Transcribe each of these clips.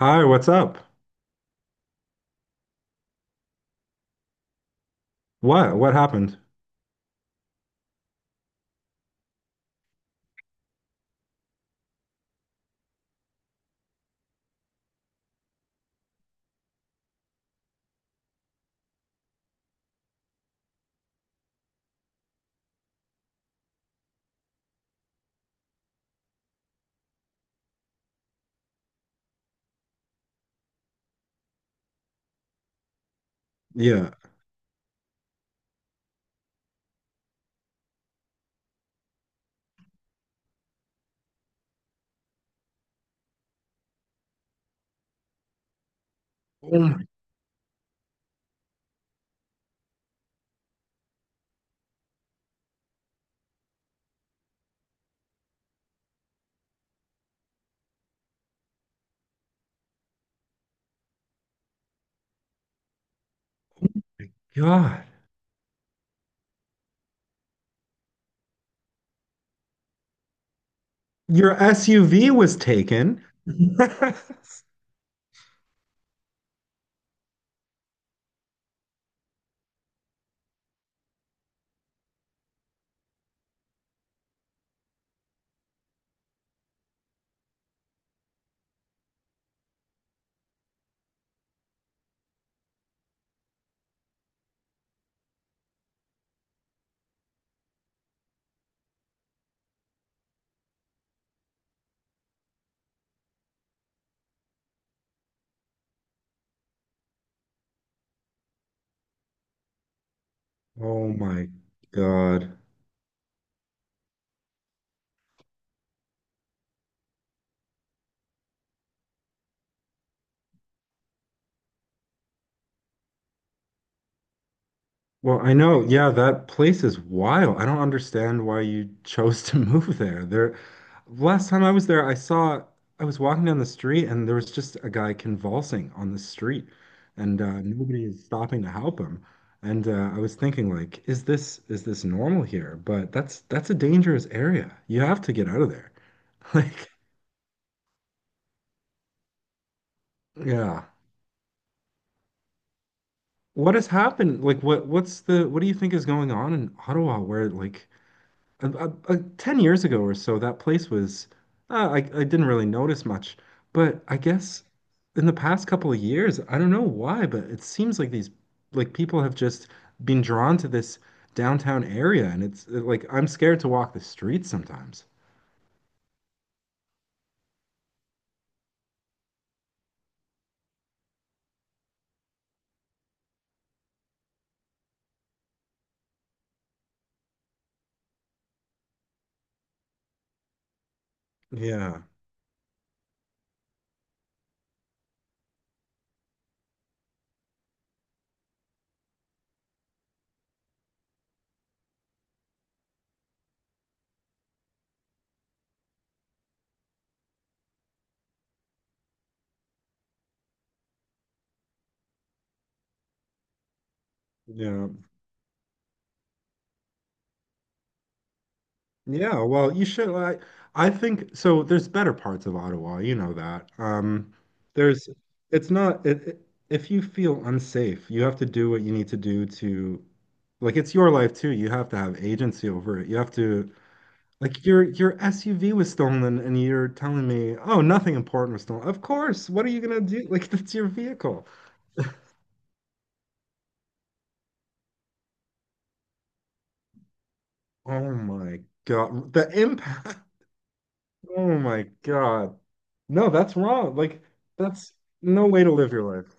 Hi, what's up? What? What happened? Yeah. Oh my God. Your SUV was taken. Oh my God. Well, I know, yeah, that place is wild. I don't understand why you chose to move there. There, last time I was there, I saw I was walking down the street and there was just a guy convulsing on the street, and nobody is stopping to help him. And I was thinking, like, is this normal here? But that's a dangerous area. You have to get out of there. Like, yeah, what has happened? Like, what what's the what do you think is going on in Ottawa where like 10 years ago or so, that place was, I didn't really notice much. But I guess in the past couple of years, I don't know why, but it seems like like people have just been drawn to this downtown area. And it's like, I'm scared to walk the streets sometimes. Yeah. Yeah. Yeah, well, you should. I think so. There's better parts of Ottawa, you know that. There's, it's not. If you feel unsafe, you have to do what you need to do to, like, it's your life too. You have to have agency over it. You have to, like, your SUV was stolen, and you're telling me, oh, nothing important was stolen. Of course. What are you gonna do? Like, that's your vehicle. Oh my God, the impact. Oh my God. No, that's wrong. Like, that's no way to live your life.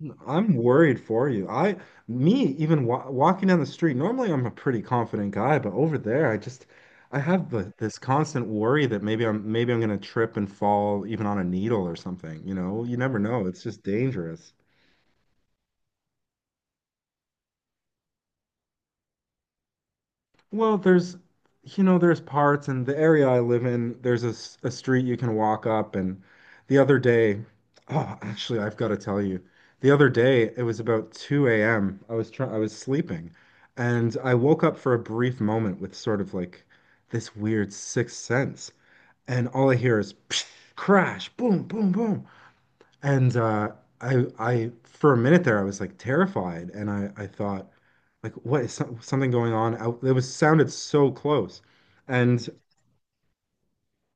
I'm worried for you. Me, even wa walking down the street, normally I'm a pretty confident guy, but over there, I just, I have this constant worry that maybe I'm gonna trip and fall even on a needle or something. You know, you never know. It's just dangerous. Well, you know, there's parts in the area I live in. There's a street you can walk up. And the other day, oh, actually, I've got to tell you, the other day it was about 2 a.m. I was sleeping, and I woke up for a brief moment with sort of like this weird sixth sense, and all I hear is psh, crash, boom, boom, boom, and I, for a minute there, I was like terrified, and I thought like what is something going on out it was sounded so close and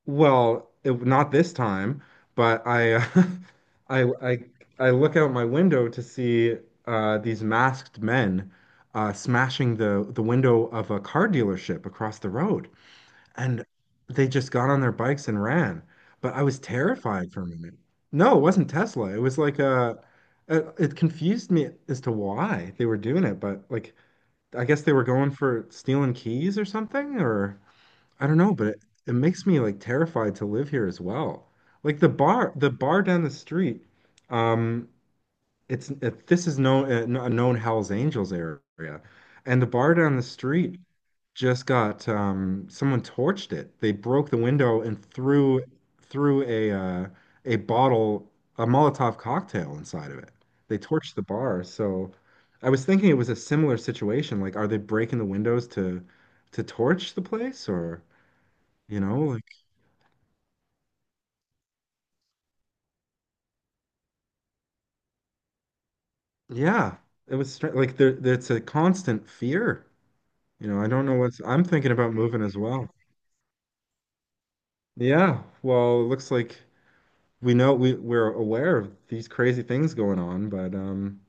well not this time but I I I look out my window to see these masked men smashing the window of a car dealership across the road and they just got on their bikes and ran, but I was terrified for a minute. No, it wasn't Tesla, it was like a it confused me as to why they were doing it, but like I guess they were going for stealing keys or something, or I don't know, but it makes me like terrified to live here as well. Like the bar down the street, um, this is known a known Hell's Angels area, and the bar down the street just got someone torched it. They broke the window and threw a bottle a Molotov cocktail inside of it. They torched the bar. So I was thinking it was a similar situation. Like, are they breaking the windows to torch the place or you know like yeah. It was like there, it's a constant fear. You know, I don't know what's, I'm thinking about moving as well. Yeah, well, it looks like we know we're aware of these crazy things going on, but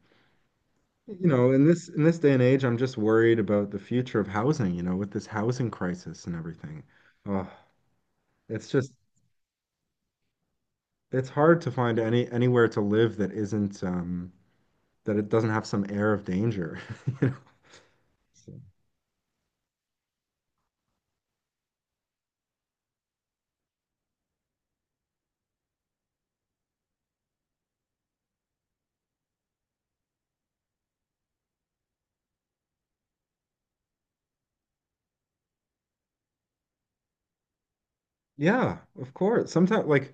you know, in this day and age, I'm just worried about the future of housing, you know, with this housing crisis and everything. Oh, it's just it's hard to find anywhere to live that isn't that it doesn't have some air of danger, you know. So, yeah, of course. Sometimes like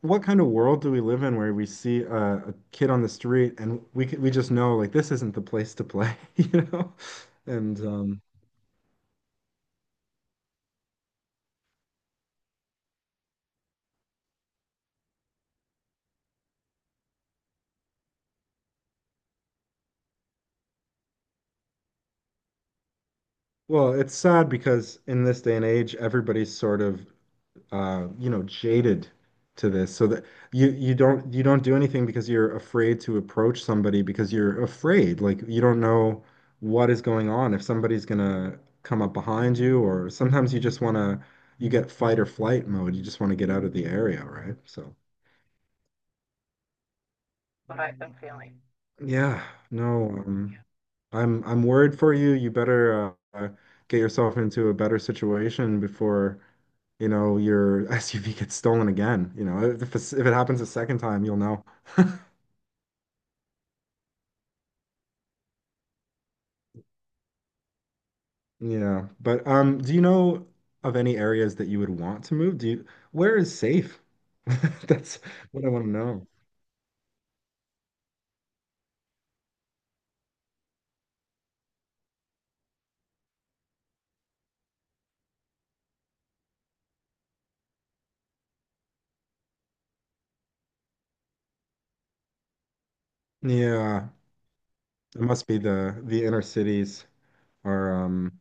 what kind of world do we live in where we see a kid on the street and we we just know like this isn't the place to play, you know? And well, it's sad because in this day and age, everybody's sort of you know, jaded to this, so that you don't do anything because you're afraid to approach somebody because you're afraid, like you don't know what is going on if somebody's gonna come up behind you, or sometimes you just wanna you get fight or flight mode, you just want to get out of the area, right? So. Yeah, no, yeah. I'm worried for you. You better get yourself into a better situation before, you know, your SUV gets stolen again. You know, if it happens a second time, you'll know. Yeah, but do you know of any areas that you would want to move? Do you, where is safe? That's what I want to know. Yeah, it must be the inner cities are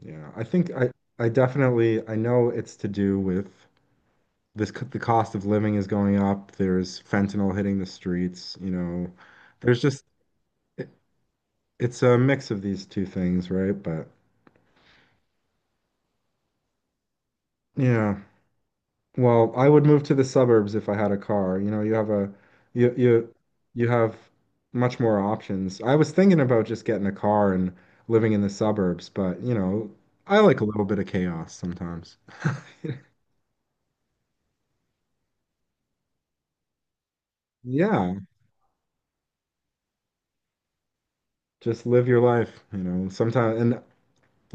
yeah, I definitely I know it's to do with the cost of living is going up. There's fentanyl hitting the streets, you know. There's just it, it's a mix of these two things, right? But yeah. Well, I would move to the suburbs if I had a car. You know, you you you have much more options. I was thinking about just getting a car and living in the suburbs, but you know, I like a little bit of chaos sometimes. Yeah, just live your life, you know. Sometimes, and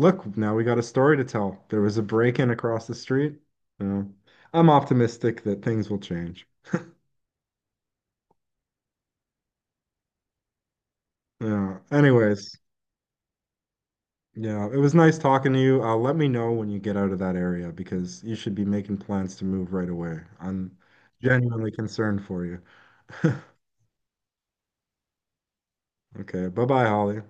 look, now we got a story to tell. There was a break-in across the street. Yeah. I'm optimistic that things will change. Yeah. Anyways, yeah, it was nice talking to you. Let me know when you get out of that area because you should be making plans to move right away. I'm genuinely concerned for you. Okay, bye-bye, Holly.